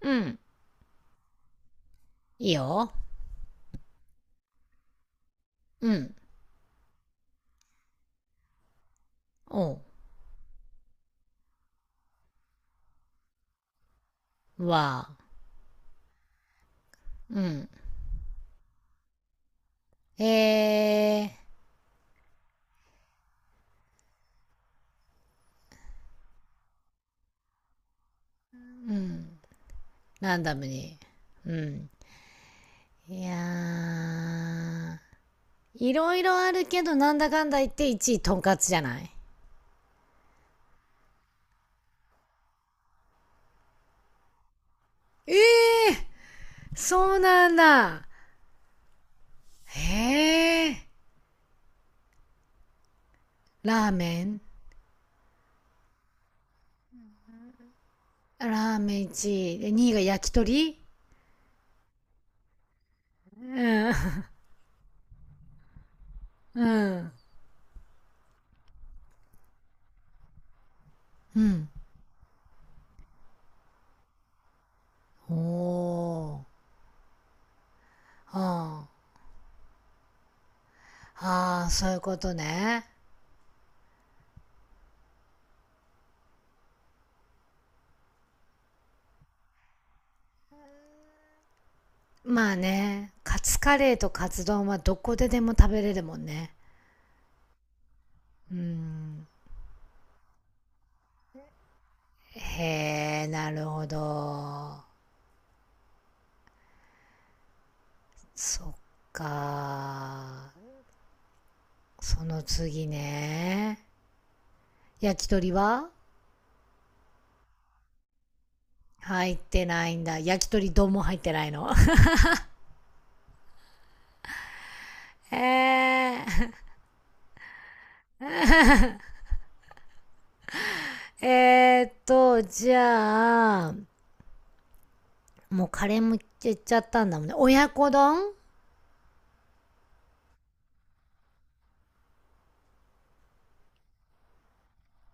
うん。いいよ。うん。おう。わあ。うん。えー、ランダムに。うん。いやー、いろいろあるけど、なんだかんだ言って1位とんかつじゃない？そうなんだ。へえ。ラーメン。ラーメン1位。で、2位が焼き鳥？うん。うん。うん。おー。ああ、そういうことね。まあね、カツカレーとカツ丼はどこででも食べれるもんね。うん。へえ、なるほど。そっか。その次ね。焼き鳥は入ってないんだ。焼き鳥丼も入ってないの？ええ。じゃあ、もうカレーもいっちゃったんだもんね。親子丼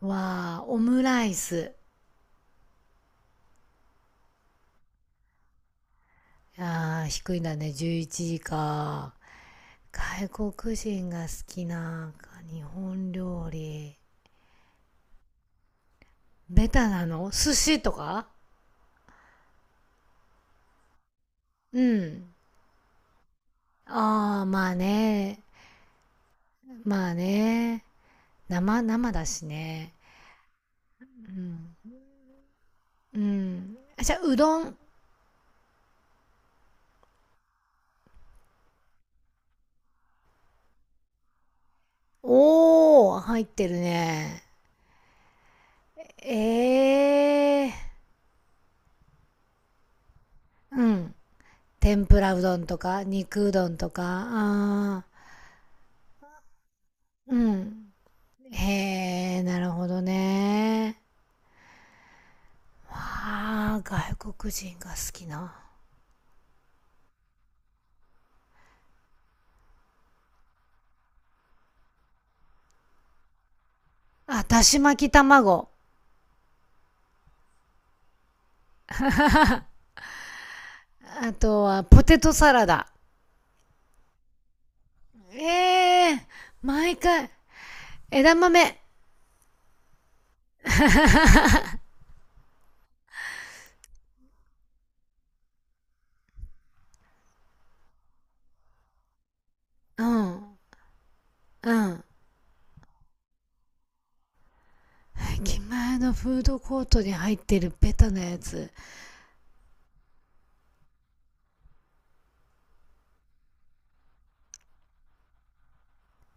はオムライス。あー低いんだね。11時か。外国人が好きな日本料理。ベタなの寿司とか？うん。ああ、まあね。まあね。生だしね。うん。うん。あじゃあ、うどん。おー、入ってるね。ええー。うん。天ぷらうどんとか、肉うどんとか。あーうん。へえ、なるほどね。わあ、外国人が好きな。あ、だし巻き卵。あとは、ポテトサラダ。ええ。毎回、枝豆。うん、うん。駅前のフードコートに入ってるベタなやつ。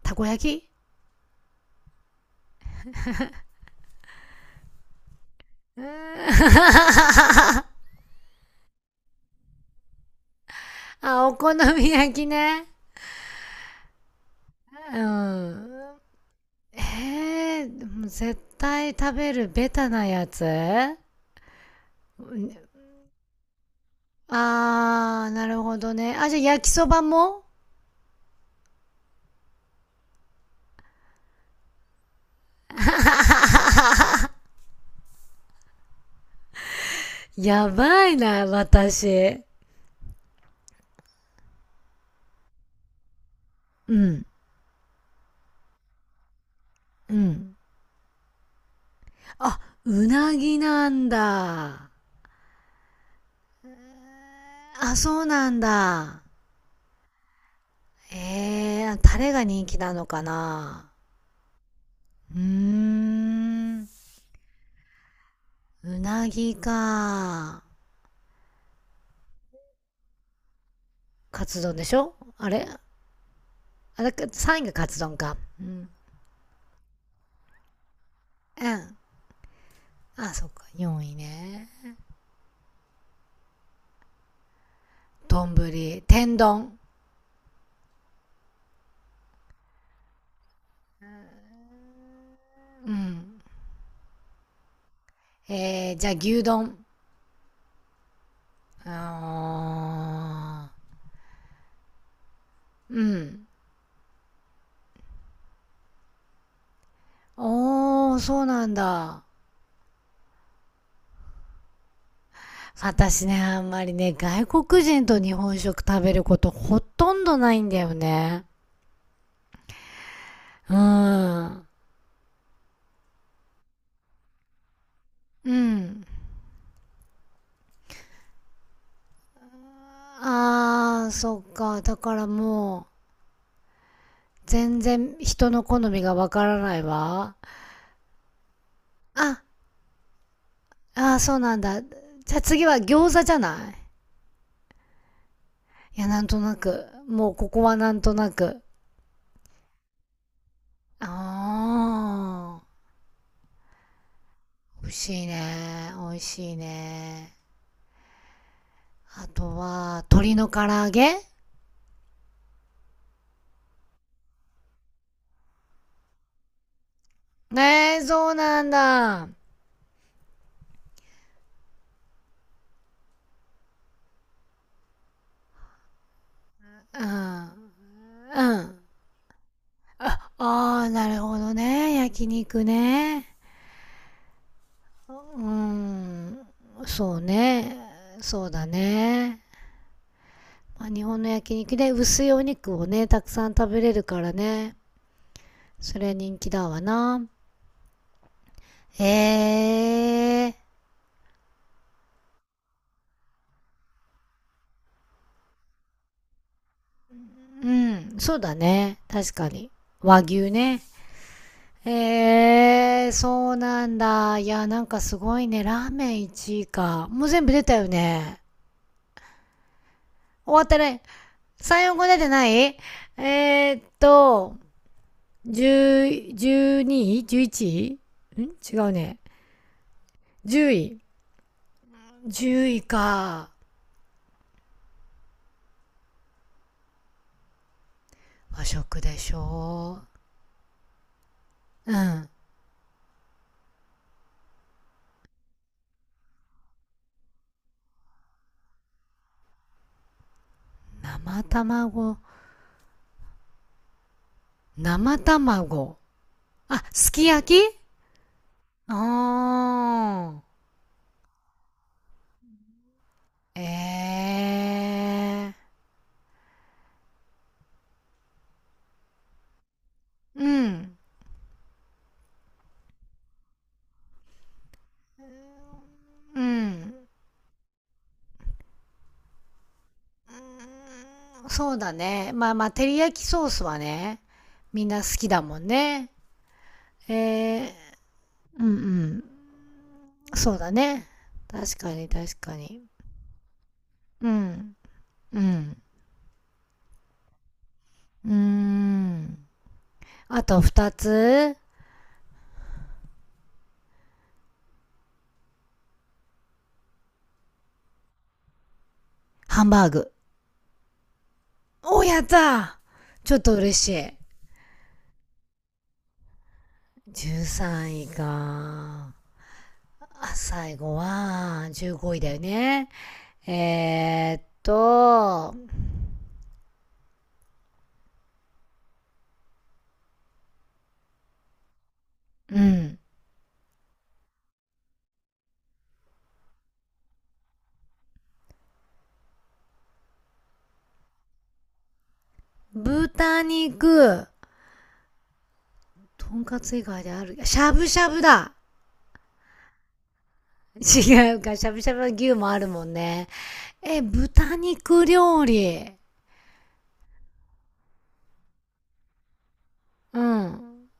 たこ焼き？うーん。 あ、お好み焼きね。うん。ええー。絶対食べるベタなやつ？あー、なるほどね。あ、じゃあ焼きそばも？やばいな、私。うん。うん。あ、うなぎなんだ。あ、そうなんだ。タレが人気なのかな。うーん。うなぎか。カツ丼でしょ？あれ？あれ、3位がカツ丼か。うん。うん。あ、そっか。4位ね。丼。天丼。うん。じゃあ牛丼。あーうん。おー、そうなんだ。私ね、あんまりね、外国人と日本食食べることほとんどないんだよね。うーん。うん。あー、そっか。だからもう、全然人の好みがわからないわ。あ、あー、そうなんだ。じゃあ次は餃子じゃない？いや、なんとなく。もうここはなんとなく。あー、美味しいね。美味しいね。あとは、鶏の唐揚げ？ねえ、そうなんだ。うん。うん。ああ、なるほどね。焼肉ね。うん。そうね。そうだね。まあ、日本の焼肉で薄いお肉をね、たくさん食べれるからね。それ人気だわな。ええー。うん。そうだね。確かに。和牛ね。ええー、そうなんだ。いや、なんかすごいね。ラーメン1位か。もう全部出たよね。終わったね。3、4、5出てない。ー、っと、10、12位？ 11 位。違うね。10位。10位か。和食でしょう？うん。生卵。生卵。あ、すき焼き？あー。えー。うん。うん。そうだね。まあまあ、照り焼きソースはね、みんな好きだもんね。えー、うんうん。そうだね。確かに確かに。うん。うん。うーん。あと二つ、ハンバーグ。お、やった。ちょっと嬉しい。13位か。あ、最後は、15位だよね。えー、っと、うん。豚肉、とんかつ以外である。しゃぶしゃぶだ？違うか、しゃぶしゃぶの牛もあるもんね。え、豚肉料理。うん。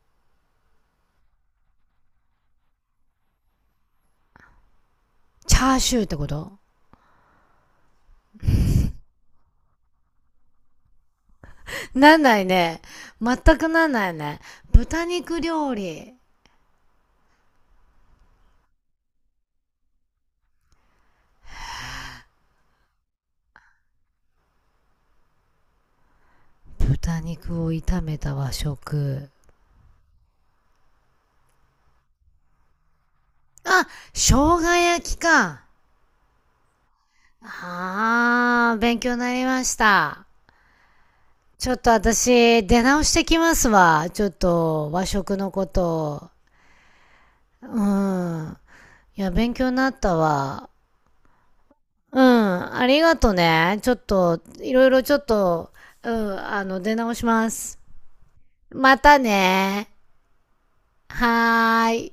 チャーシューってこと？なんないね。全くなんないね。豚肉料理。豚肉を炒めた和食。あ、生姜焼きか。あー、勉強になりました。ちょっと私、出直してきますわ。ちょっと、和食のこと。うん。いや、勉強になったわ。うん、ありがとね。ちょっと、いろいろちょっと、うん、出直します。またね。はーい。